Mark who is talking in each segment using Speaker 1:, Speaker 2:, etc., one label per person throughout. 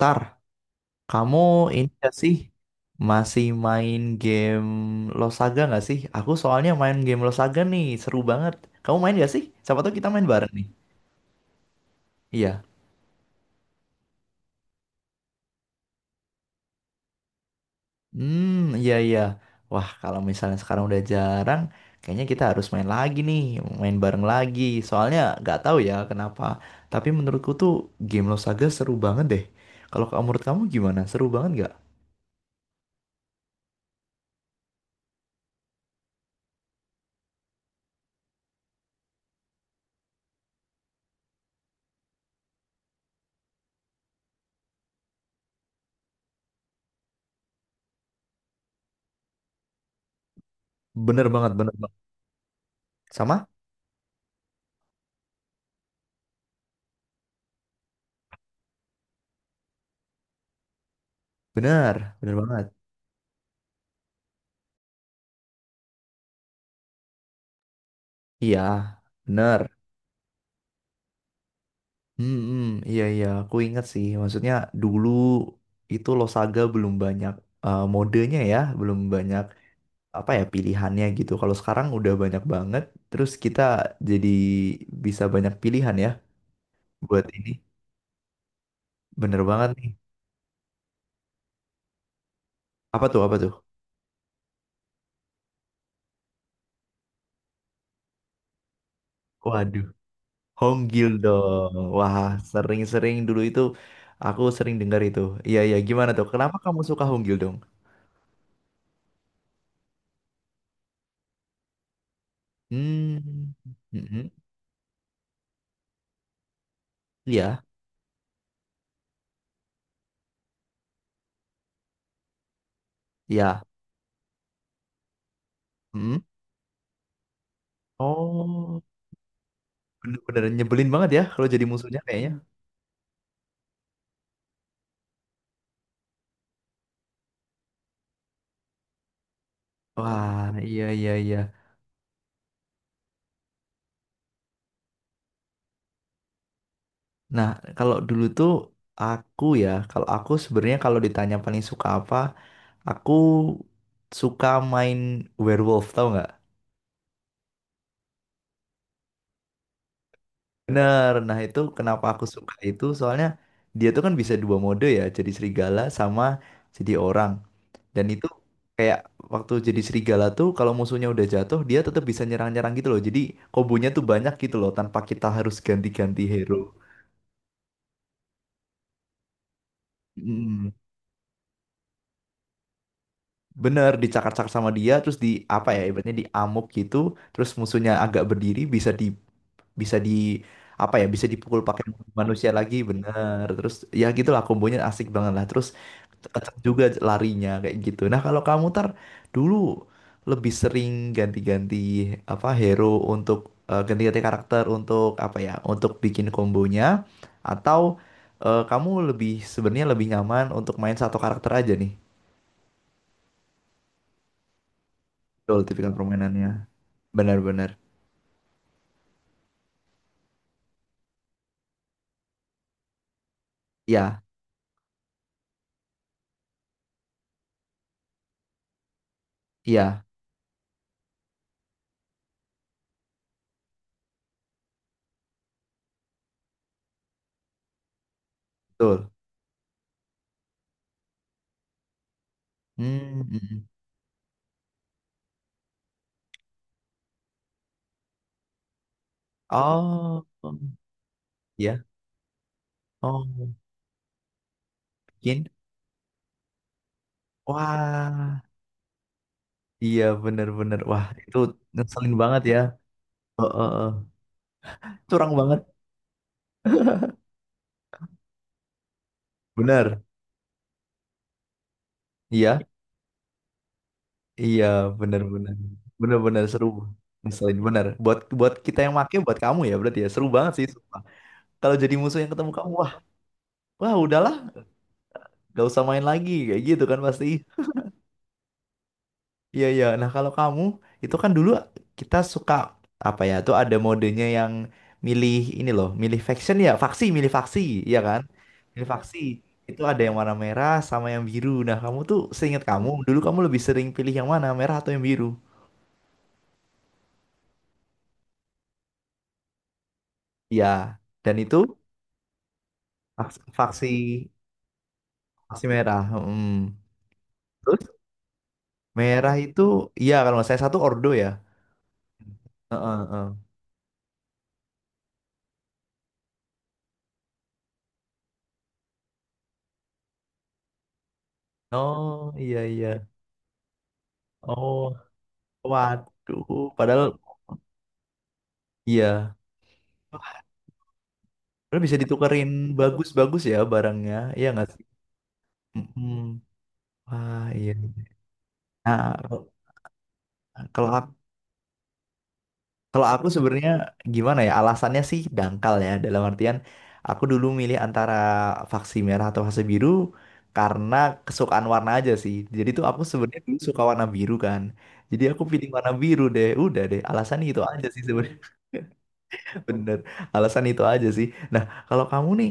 Speaker 1: Tar, kamu ini gak sih masih main game Losaga gak sih? Aku soalnya main game Losaga nih, seru banget. Kamu main gak sih? Siapa tahu kita main bareng nih. Iya. Hmm, iya iya. Wah, kalau misalnya sekarang udah jarang, kayaknya kita harus main lagi nih, main bareng lagi. Soalnya nggak tahu ya kenapa. Tapi menurutku tuh game Losaga seru banget deh. Menurut kamu gimana? Seru banget nggak? Bener banget, bener banget. Sama? Bener, bener banget. Iya, bener. Hmm, hmm, iya iya, aku ingat sih. Maksudnya dulu itu Losaga belum banyak eh, modenya ya, belum banyak apa ya pilihannya gitu. Kalau sekarang udah banyak banget, terus kita jadi bisa banyak pilihan ya buat ini. Bener banget nih. Apa tuh, apa tuh? Waduh, Honggil dong. Wah, sering-sering dulu itu aku sering dengar itu. Iya iya, gimana tuh? Kenapa kamu suka Honggil dong? Hmm, hmm, hmm. Iya, iya. Hmm. Oh. Bener-bener nyebelin banget ya kalau jadi musuhnya kayaknya. Wah, iya iya iya. Nah, kalau dulu tuh aku ya, kalau aku sebenarnya kalau ditanya paling suka apa, aku suka main werewolf, tau nggak? Bener. Nah, itu kenapa aku suka itu soalnya dia tuh kan bisa dua mode ya, jadi serigala sama jadi orang. Dan itu kayak waktu jadi serigala tuh kalau musuhnya udah jatuh, dia tetap bisa nyerang-nyerang gitu loh. Jadi kombonya tuh banyak gitu loh tanpa kita harus ganti-ganti hero. Mm, bener dicakar-cakar sama dia terus di apa ya ibaratnya diamuk gitu terus musuhnya agak berdiri bisa di bisa di apa ya bisa dipukul pakai manusia lagi bener terus ya gitulah kombonya asik banget lah terus kenceng juga larinya kayak gitu. Nah kalau kamu Tar, dulu lebih sering ganti-ganti apa hero untuk eh, ganti-ganti karakter untuk apa ya untuk bikin kombonya, atau eh, kamu lebih sebenarnya lebih nyaman untuk main satu karakter aja nih? Betul, tipikal permainannya. Benar-benar. Iya, iya, betul. Hmm, mm, mm. Oh, iya. Oh, bikin. Wah, iya benar-benar. Wah, itu ngeselin banget ya. Oh, oh, oh. Curang banget. Benar. Iya, iya, benar-benar. Benar-benar seru. Ngeselin benar. Buat buat kita yang make, buat kamu ya berarti ya. Seru banget sih, sumpah. Kalau jadi musuh yang ketemu kamu, wah, wah udahlah, gak usah main lagi kayak gitu kan pasti. Iya iya. Nah kalau kamu, itu kan dulu kita suka apa ya? Tuh ada modenya yang milih ini loh, milih faction ya, faksi, milih faksi, iya kan? Milih faksi. Itu ada yang warna merah sama yang biru. Nah kamu tuh seingat kamu dulu kamu lebih sering pilih yang mana, merah atau yang biru? Iya. Dan itu faksi faksi, faksi merah. Mm. Terus merah itu iya kalau nggak saya satu ordo ya. Heeh, heeh. Oh iya iya. Oh waduh. Padahal iya. Lo bisa ditukerin bagus-bagus ya barangnya, iya nggak sih? Mm-mm. Wah iya. Nah, kalau aku, kalau aku sebenarnya gimana ya? Alasannya sih dangkal ya. Dalam artian aku dulu milih antara vaksin merah atau vaksin biru karena kesukaan warna aja sih. Jadi tuh aku sebenarnya dulu suka warna biru kan. Jadi aku pilih warna biru deh. Udah deh, alasannya itu aja sih sebenarnya. Bener, alasan itu aja sih. Nah, kalau kamu nih,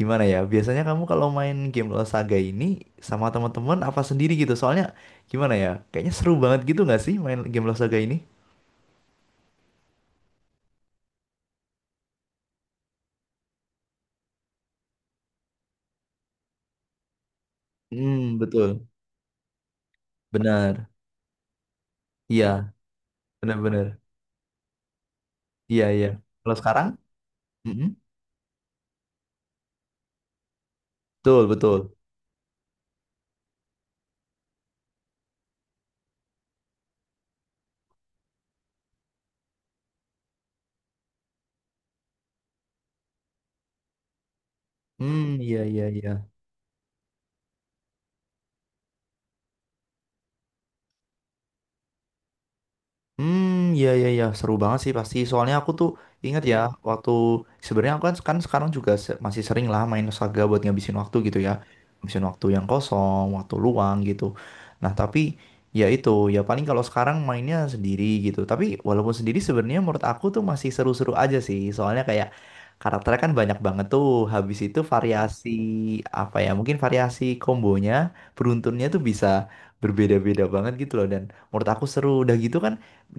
Speaker 1: gimana ya? Biasanya kamu kalau main game Lost Saga ini sama teman-teman apa sendiri gitu? Soalnya gimana ya? Kayaknya seru banget gitu nggak sih main game Lost Saga ini? Hmm, betul. Benar. Iya, benar-benar. Iya, iya. Kalau sekarang? Mm-mm. Betul, betul. Hmm, iya, iya, iya. Hmm, iya iya iya seru banget sih pasti. Soalnya aku tuh ingat ya. Iya. Waktu sebenarnya aku kan sekarang juga masih sering lah main Saga buat ngabisin waktu gitu ya. Ngabisin waktu yang kosong, waktu luang gitu. Nah, tapi ya itu, ya paling kalau sekarang mainnya sendiri gitu. Tapi walaupun sendiri sebenarnya menurut aku tuh masih seru-seru aja sih. Soalnya kayak karakternya kan banyak banget tuh. Habis itu, iya, variasi apa ya? Mungkin variasi kombonya, beruntunnya tuh bisa berbeda-beda banget gitu loh, dan menurut aku seru udah gitu kan.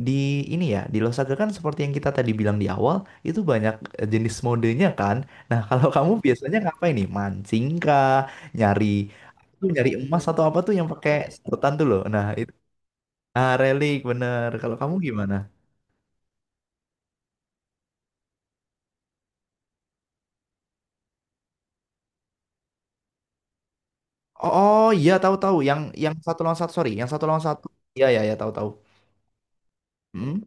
Speaker 1: Di ini ya, di Losaga kan seperti yang kita tadi bilang di awal, itu banyak eh, jenis modenya kan. Nah, kalau kamu biasanya ngapain nih? Mancing kah? Nyari tuh nyari emas atau apa tuh yang pakai sedotan tuh loh. Nah itu, ah, relik bener. Kalau kamu gimana? Oh, oh, iya tahu tahu yang satu lawan satu, sorry, yang satu lawan satu. Iya iya iya tahu tahu. Hmm?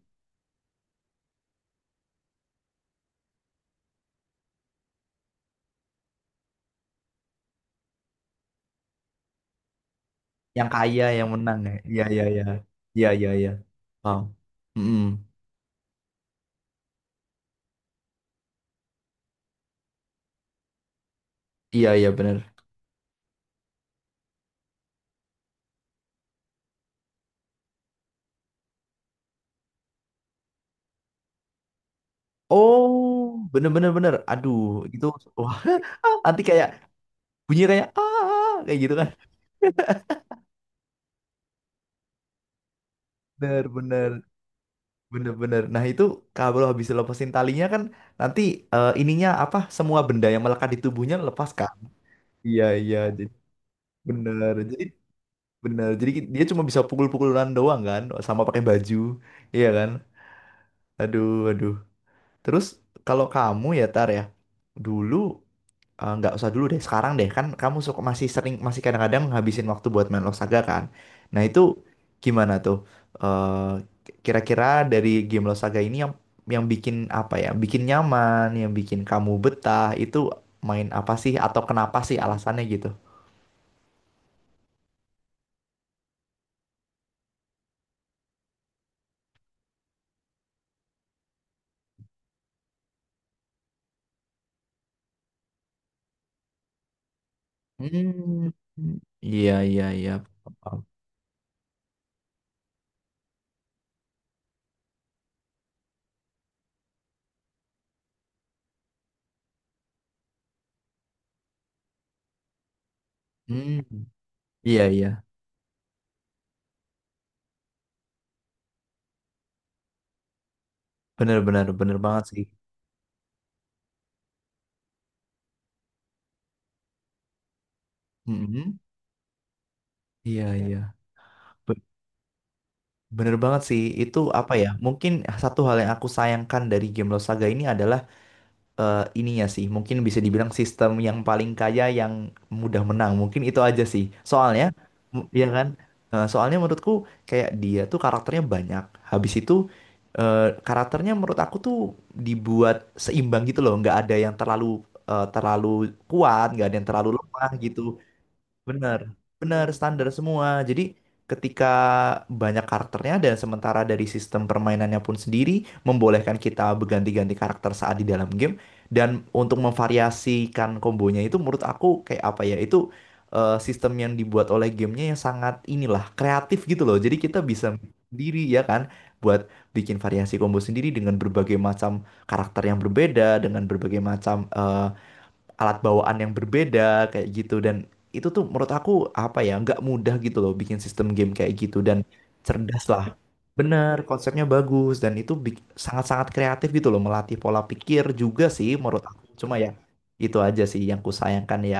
Speaker 1: Yang kaya yang menang ya. Iya iya iya iya iya iya. Wow. Mm-mm. Iya iya bener. Oh, bener bener bener. Aduh, gitu. Wah, ah, nanti kayak bunyi kayak ah kayak gitu kan. Bener bener bener bener. Nah itu kalau habis lepasin talinya kan nanti eh, ininya apa? Semua benda yang melekat di tubuhnya lepas kan? Iya iya. Jadi bener. Jadi bener. Jadi dia cuma bisa pukul-pukulan doang kan, sama pakai baju, iya kan? Aduh aduh. Terus kalau kamu ya Tar ya, dulu. Eh, nggak usah dulu deh, sekarang deh, kan kamu suka masih sering, masih kadang-kadang ngabisin waktu buat main Losaga kan. Nah itu gimana tuh? Eh, kira-kira dari game Losaga ini yang bikin apa ya, bikin nyaman, yang bikin kamu betah itu main apa sih atau kenapa sih alasannya gitu? Hmm, iya iya iya. Paham. Hmm, iya iya. Bener bener bener banget sih. Mm-mm. Iya iya. Bener banget sih, itu apa ya? Mungkin satu hal yang aku sayangkan dari game Lost Saga ini adalah eh, ininya sih. Mungkin bisa dibilang sistem yang paling kaya yang mudah menang. Mungkin itu aja sih. Soalnya, ya kan? Eh, soalnya menurutku kayak dia tuh karakternya banyak. Habis itu eh, karakternya menurut aku tuh dibuat seimbang gitu loh. Nggak ada yang terlalu kuat, nggak ada yang terlalu lemah gitu. Benar, benar standar semua. Jadi ketika banyak karakternya, dan sementara dari sistem permainannya pun sendiri membolehkan kita berganti-ganti karakter saat di dalam game, dan untuk memvariasikan kombonya, itu menurut aku kayak apa ya, itu eh, sistem yang dibuat oleh gamenya yang sangat inilah kreatif gitu loh. Jadi kita bisa sendiri ya kan buat bikin variasi combo sendiri dengan berbagai macam karakter yang berbeda, dengan berbagai macam eh, alat bawaan yang berbeda kayak gitu, dan itu tuh menurut aku apa ya, nggak mudah gitu loh bikin sistem game kayak gitu, dan cerdas lah, bener, konsepnya bagus, dan itu sangat-sangat kreatif gitu loh, melatih pola pikir juga sih menurut aku, cuma ya itu aja sih yang ku sayangkan ya,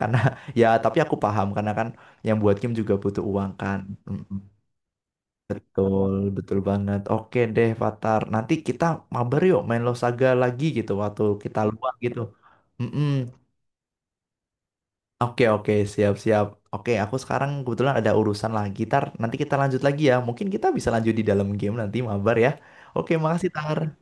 Speaker 1: karena ya tapi aku paham karena kan yang buat game juga butuh uang kan. Mm, betul betul banget. Oke deh Fatar, nanti kita mabar yuk main Losaga lagi gitu waktu kita luang gitu. Mm-mm. Oke oke siap siap. Oke aku sekarang kebetulan ada urusan lah gitar. Nanti kita lanjut lagi ya. Mungkin kita bisa lanjut di dalam game nanti mabar ya. Oke makasih Tar.